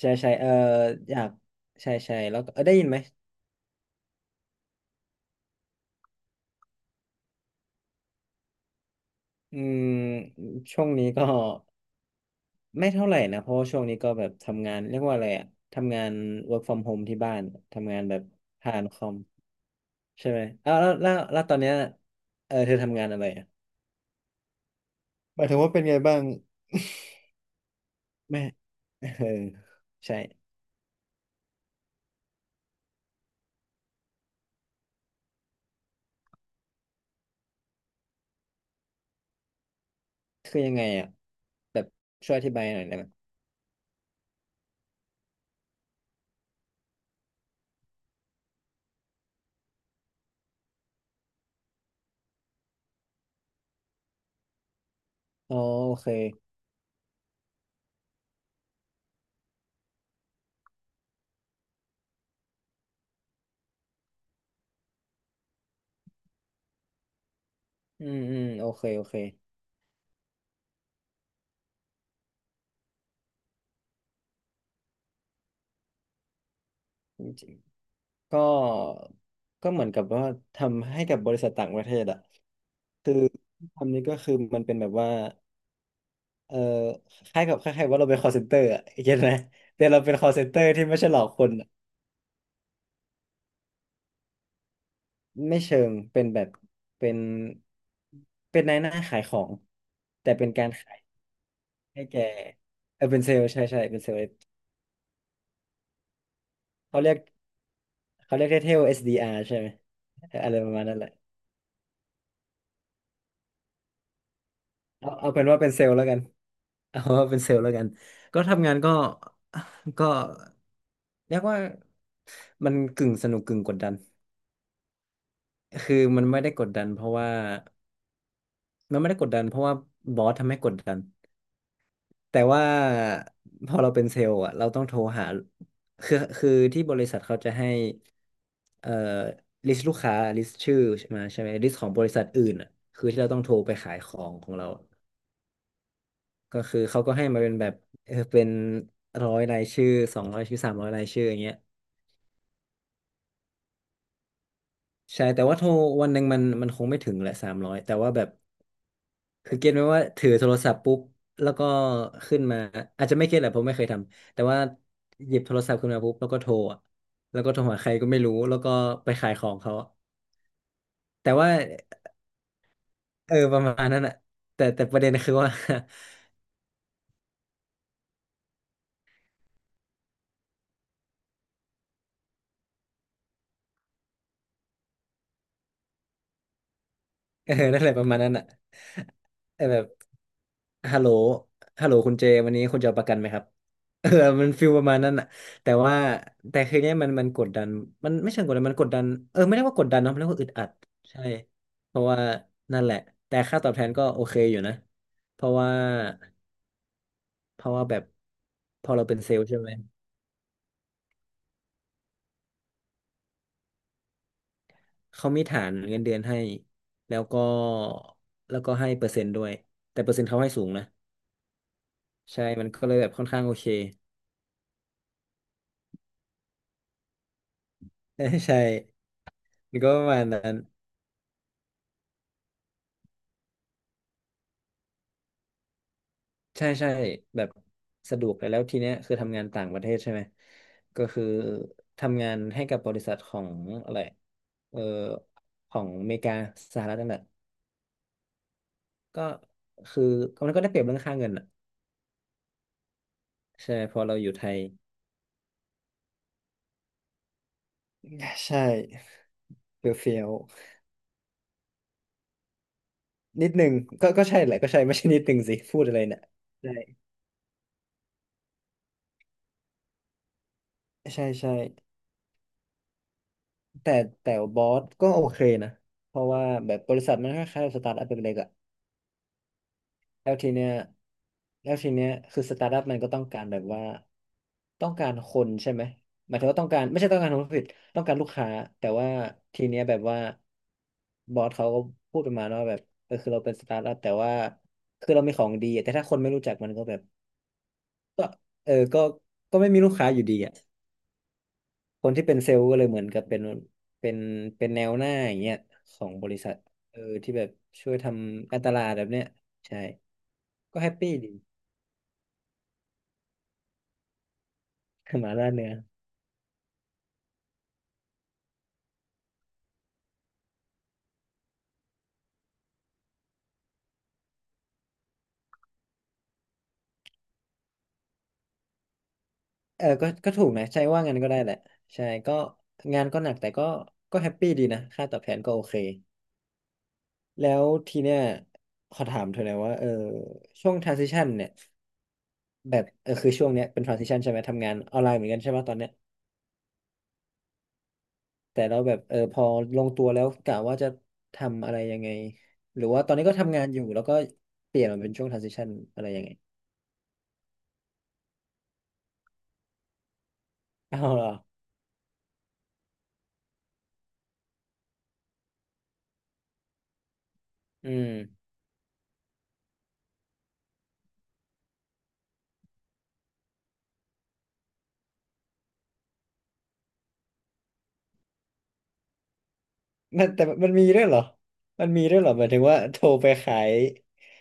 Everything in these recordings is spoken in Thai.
ใช่ใช่เอออยากใช่ใช่แล้วก็เออได้ยินไหมอืมช่วงนี้ก็ไม่เท่าไหร่นะเพราะว่าช่วงนี้ก็แบบทำงานเรียกว่าอะไรอะทำงาน work from home ที่บ้านทำงานแบบผ่านคอมใช่ไหมอ้าวแล้วตอนเนี้ยเออเธอทำงานอะไรอะหมายถึงว่าเป็นไงบ้าง ไม่เออใช่คือยังไงอะแบบช่วยอธิบายหน่อยได้ไหมอ๋อโอเคอืมอืมโอเคโอเค ก็ก็เหมือนกับว่าทำให้กับบริษัทต่างประเทศอะคือทำนี้ก็คือมันเป็นแบบว่าเออคล้ายกับคล้ายๆว่าเราเป็น call center อะเห็นไหมแต่เราเป็น call center ที่ไม่ใช่หลอกคนอะไม่เชิงเป็นแบบเป็นเป็นนายหน้าขายของ แต่เป็นการขายให้แกเออเป็นเซลล์ใช่ใช่เป็นเซลล์ เขาเรียกเขาเรียกเท่ๆ SDR ใช่ไหมเอออะไรประมาณนั้นแหละ เอาเป็นว่าเป็นเซลล์แล้วกัน เอาว่าเป็นเซลล์แล้วกันก็ทำงานก็ ก็เรียกว่ามันกึ่งสนุกกึ่งกดดันคือมันไม่ได้กดดันเพราะว่ามันไม่ได้กดดันเพราะว่าบอสทำให้กดดันแต่ว่าพอเราเป็นเซลล์อะเราต้องโทรหาคือที่บริษัทเขาจะให้เอ่อลิสต์ลูกค้าลิสต์ชื่อใช่ไหมลิสต์ของบริษัทอื่นอะคือที่เราต้องโทรไปขายของของเรา ก็คือเขาก็ให้มาเป็นแบบเออเป็นร้อยรายชื่อสองร้อยชื่อสามร้อยรายชื่ออย่างเงี้ยใช่แต่ว่าโทรวันหนึ่งมันคงไม่ถึงแหละสามร้อยแต่ว่าแบบคือเก็ตไหมว่าถือโทรศัพท์ปุ๊บแล้วก็ขึ้นมาอาจจะไม่เก็ตแหละเพราะไม่เคยทำแต่ว่าหยิบโทรศัพท์ขึ้นมาปุ๊บแล้วก็โทรอะแล้วก็โทรหาใครก็ไม่รู้แล้วก็ไปขายของเขาแต่ว่าเออประมาณนั้นอะแต่ประเด็นคือว่า เออนั่นแหละประมาณนั้นอ่ะแต่แบบฮัลโหลฮัลโหลคุณเจวันนี้คุณจะเอาประกันไหมครับ เออมันฟิลประมาณนั้นอ่ะแต่ว่าแต่คือเนี้ยมันกดดันมันไม่เชิงกดดันมันกดดันเออไม่ได้ว่ากดดันเนาะมันเรียกว่าอึดอัดใช่เพราะว่านั่นแหละแต่ค่าตอบแทนก็โอเคอยู่นะ เพราะว่าเพราะว่าแบบพอเราเป็นเซลล์ใช่ไหมเขามีฐานเงินเดือนให้แล้วก็แล้วก็ให้เปอร์เซ็นต์ด้วย แต่เปอร์เซ็นต์เขาให้สูงนะ ใช่มันก็เลยแบบค่อนข้างโอเค ใช่ใช่มันก็ประมาณนั้นใช่ใช่แบบสะดวกเลยแล้วทีเนี้ยคือทำงานต่างประเทศใช่ไหมก็คือทำงานให้กับบริษัทของอะไรเออของอเมริกาสหรัฐนั่นแหละก็คือมันก็ได้เปรียบเรื่องค่าเงินอ่ะใช่ไหมพอเราอยู่ไทย ใช่เฟี้ยวเฟี้ยวนิดหนึ่งก็ใช่แหละก็ใช่ไม่ใช่นิดหนึ่งสิ พูดอะไรเนี่ยใช่ใช่ใช่แต่แต่บอสก็โอเคนะ เพราะว่าแบบบริษัทมันคล้ายๆสตาร์ทอัพเล็กๆอะ แล้วทีเนี้ยแล้วทีเนี้ยคือสตาร์ทอัพมันก็ต้องการแบบว่าต้องการคนใช่ไหมหมายถึงว่าต้องการไม่ใช่ต้องการคนผิดต้องการลูกค้าแต่ว่าทีเนี้ยแบบว่าบอสเขาก็พูดประมาณว่าแบบเออคือเราเป็นสตาร์ทอัพแต่ว่าคือเรามีของดีอะแต่ถ้าคนไม่รู้จักมันก็แบบก็เออก็ไม่มีลูกค้าอยู่ดีอ่ะคนที่เป็นเซลล์ก็เลยเหมือนกับเป็นเป็นแนวหน้าอย่างเงี้ยของบริษัทเออที่แบบช่วยทำการตลาดแบบเนี้ยใช่ก็แฮปปี้ดี หมาล่าเนื้อ เออก็ถูกนะใช่ว่างั้นก็ได้แหละใช่ก็งานก็หนักแต่ก็ก็แฮปปี้ดีนะค่าตอบแทนก็โอเคแล้วทีเนี้ยขอถามเธอหน่อยว่าเออช่วง transition เนี่ยแบบเออคือช่วงเนี้ยเป็น transition ใช่ไหมทำงานออนไลน์เหมือนกันใช่ป่ะตอนเนี้ยแต่เราแบบเออพอลงตัวแล้วกะว่าจะทำอะไรยังไงหรือว่าตอนนี้ก็ทำงานอยู่แล้วก็เปลี่ยนมาเป็นช่วง transition อะไรยังไงเอาเหรออืมมันแต่มันมีด้วยเหรอมันมีด้วยเหรอหมายถึงว่าโทรไปขาย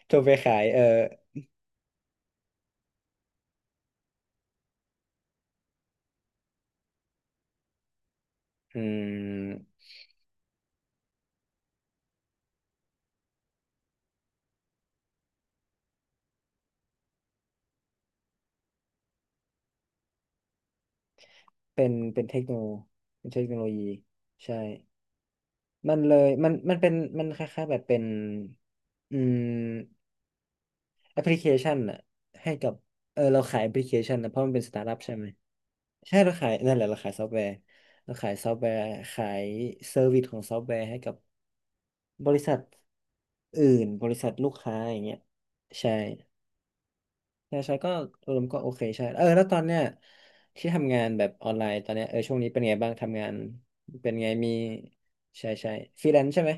โทรไปขายเออ อืมเป็นเป็นเทคโนโลยีใช่มันเลยมันเป็นมันคล้ายๆแบบเป็นอืมแอปพลิเคชันอะให้กับเราขายแอปพลิเคชันนะเพราะมันเป็นสตาร์ทอัพใช่ไหมใช่เราขายนั่นแหละเราขายซอฟต์แวร์เราขายซอฟต์แวร์ขายเซอร์วิสของซอฟต์แวร์ให้กับบริษัทอื่นบริษัทลูกค้าอย่างเงี้ยใช่ ใช่ใช่ก็รวมก็โอเคใช่เออแล้วตอนเนี้ยที่ทำงานแบบออนไลน์ตอนเนี้ยเออช่วงนี้เป็นไงบ้างทำงานเป็นไงมีใช่ใช่ฟรีแลนซ์ใช่ไหม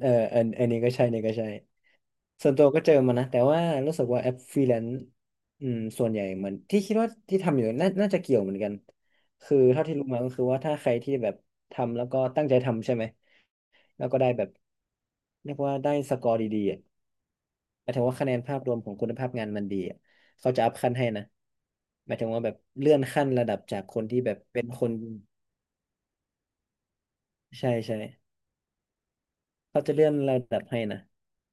เอออันนี้ก็ใช่อันนี้ก็ใช่ส่วนตัวก็เจอมานะ แต่ว่ารู้สึกว่าแอปฟรีแลนซ์ส่วนใหญ่เหมือนที่คิดว่าที่ทำอยู่น่าจะเกี่ยวเหมือนกัน คือเท่าที่รู้มาก็คือว่าถ้าใครที่แบบทำแล้วก็ตั้งใจทำใช่ไหมแล้วก็ได้แบบเรียกว่าได้สกอร์ดีๆอะหมายถึงว่าคะแนนภาพรวมของคุณภาพงานมันดีอะเขาจะอัพขั้นให้นะหมายถึงว่าแบบเลื่อนขั้นระดับจากคนที่แบบเป็นคนใช่ใช่ เขาจะเลื่อนระดับให้นะ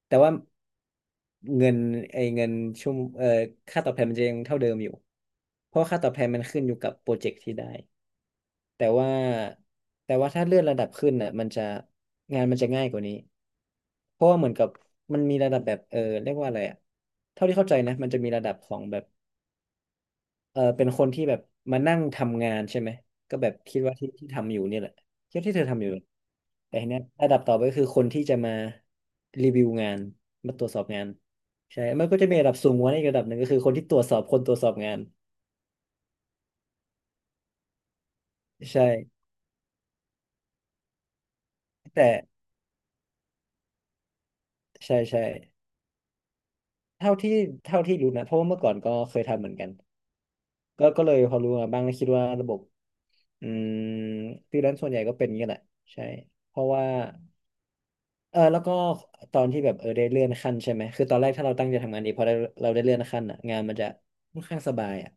แต่ว่าเงินไอ้เงินชั่วโมงค่าตอบแทนมันจะยังเท่าเดิมอยู่เพราะว่าค่าตอบแทนมันขึ้นอยู่กับโปรเจกต์ที่ได้แต่ว่าแต่ว่าถ้าเลื่อนระดับขึ้นน่ะมันจะงานมันจะง่ายกว่านี้เพราะว่าเหมือนกับมันมีระดับแบบเรียกว่าอะไรอะเท่าที่เข้าใจนะมันจะมีระดับของแบบ เออเป็นคนที่แบบมานั่งทำงานใช่ไหมก็แบบคิดว่าที่ที่ทำอยู่เนี่ยแหละคิดว่าที่เธอทำอยู่แต่ทีเนี้ยระดับต่อไปก็คือคนที่จะมารีวิวงานมาตรวจสอบงานใช่มันก็จะมีระดับสูงกว่านี้นอีกระดับหนึ่งก็คือคนที่ตรวจสอบคนตรวจสอบงานใช่แต่ใช่ใช่เท่าที่เท่าที่รู้นะเพราะว่าเมื่อก่อนก็เคยทำเหมือนกันก็เลยพอรู้มาบ้างแล้วคิดว่าระบบอืมฟรีแลนซ์ส่วนใหญ่ก็เป็นอย่างนี้แหละใช่เพราะว่า เออแล้วก็ตอนที่แบบได้เลื่อนขั้นใช่ไหมคือตอนแรกถ้าเราตั้งใจทำงานดีพอได้เราได้เลื่อนขั้นอ่ะงานมันจะค่อนข้างสบายอ่ะ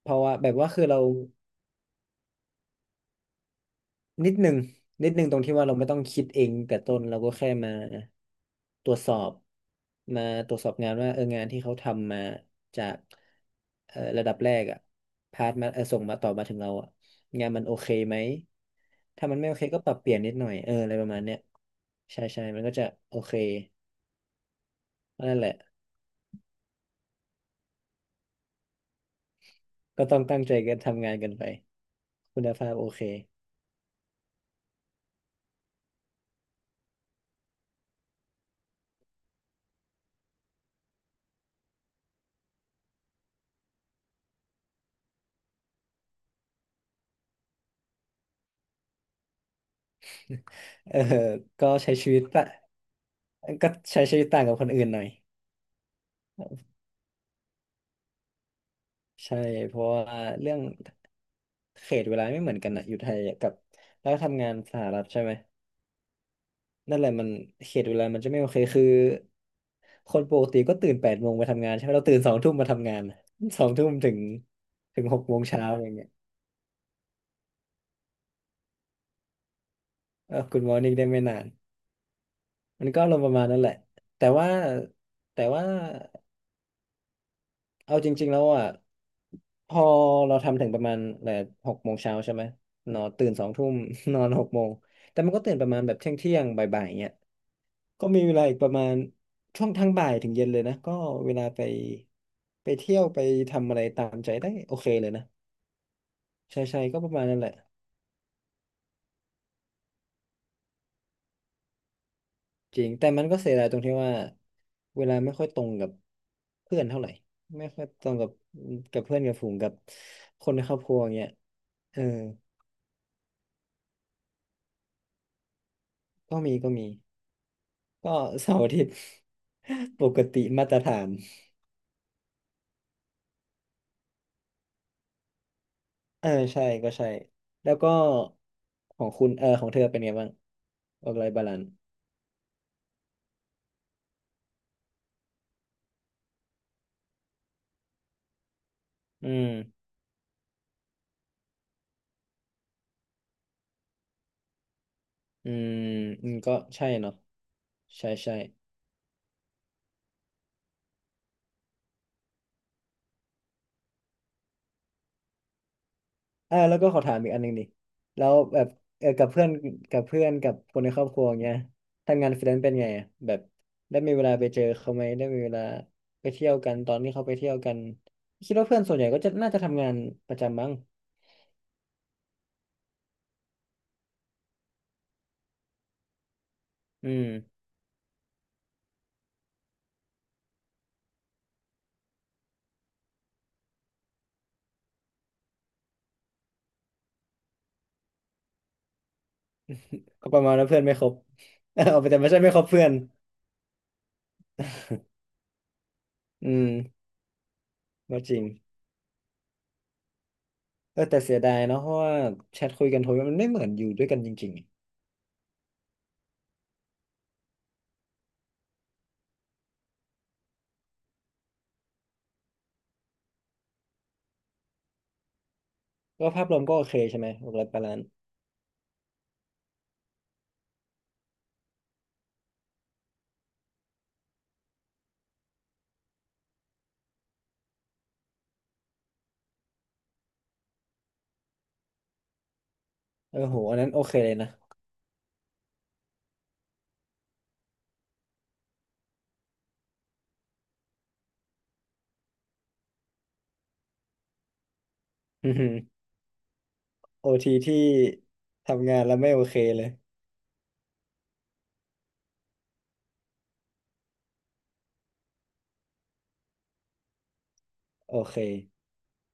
เพราะว่าแบบว่าคือเรานิดหนึ่งนิดหนึ่งตรงที่ว่าเราไม่ต้องคิดเองแต่ต้นเราก็แค่ตรวจสอบมาตรวจสอบงานว่างานที่เขาทำมาจากระดับแรกอ่ะพาสมาส่งมาต่อมาถึงเราอ่ะงานมันโอเคไหมถ้ามันไม่โอเคก็ปรับเปลี่ยนนิดหน่อยอะไรประมาณเนี้ยใช่ใช่มันก็จะโอเคนั่นแหละ ก็ต้องตั้งใจกันทำงานกันไปคุณภาพโอเคเออก็ใช้ชีวิตตะก็ใช้ชีวิตต่างกับคนอื่นหน่อยใช่เพราะว่าเรื่องเขตเวลาไม่เหมือนกันอะอยู่ไทยกับแล้วทำงานสหรัฐใช่ไหมนั่นแหละมันเขตเวลามันจะไม่โอเคคือคนปกติก็ตื่น8 โมงมาทำงานใช่ไหมเราตื่นสองทุ่มมาทำงาน 2 ทุ่มถึงหกโมงเช้าอย่างเงี้ยเออคุณมอร์นิ่งได้ไม่นานมันก็ลงประมาณนั้นแหละแต่ว่าแต่ว่า เอาจริงๆแล้วอ่ะพอเราทำถึงประมาณแบบหกโมงเช้าใช่ไหมนอนตื่นสองทุ่ม นอน6 โมงแต่มันก็ตื่นประมาณแบบเที่ยงเที่ยงบ่ายๆเงี้ยก็มีเวลาอีกประมาณช่วงทั้งบ่ายถึงเย็นเลยนะก็เวลาไปเที่ยวไปทำอะไรตามใจได้โอเคเลยนะใช่ใช่ก็ประมาณนั้นแหละจริงแต่มันก็เสียดายตรงที่ว่าเวลาไม่ค่อยตรงกับเพื่อนเท่าไหร่ไม่ค่อยตรงกับเพื่อนกับฝูงกับคนในครอบครัวอย่างเงี้ยเออก็มีก็มี ก็เสาร์อาทิตย์ ปกติมาตรฐานเออใช่ก็ใช่แล้วก็ของเธอเป็นไงบ้างออกไลน์บาลานซ์อืมอืมอืมก็ใช่เนาะใช่ใช่เออแล้วก็ขอถามอีกอันหนึ่งดิแล้วแบบเออกับเพื่อนกับคนในครอบครัวอย่างเงี้ยทำงานฟรีแลนซ์เป็นไงอะแบบได้มีเวลาไปเจอเขาไหมได้มีเวลาไปเที่ยวกันตอนที่เขาไปเที่ยวกันคิดว่าเพื่อนส่วนใหญ่ก็จะน่าจะทำงานประจำมั้งอืม ก็ประมาณว่าเพื่อนไม่ครบ เอาไปแต่ไม่ใช่ไม่ครบเพื่อน อืมก็จริงเออแต่เสียดายเนาะเพราะว่าแชทคุยกันโทรมันไม่เหมือนอยู่ด้วยกันจริงๆก็ภาพรวมก็โอเคใช่ไหมหกร้อยปล้าน เออโห อันนั้นโอเคเลยนะ อือหือโอทีที่ทำงานแล้วไม่โอเคเลย โอเค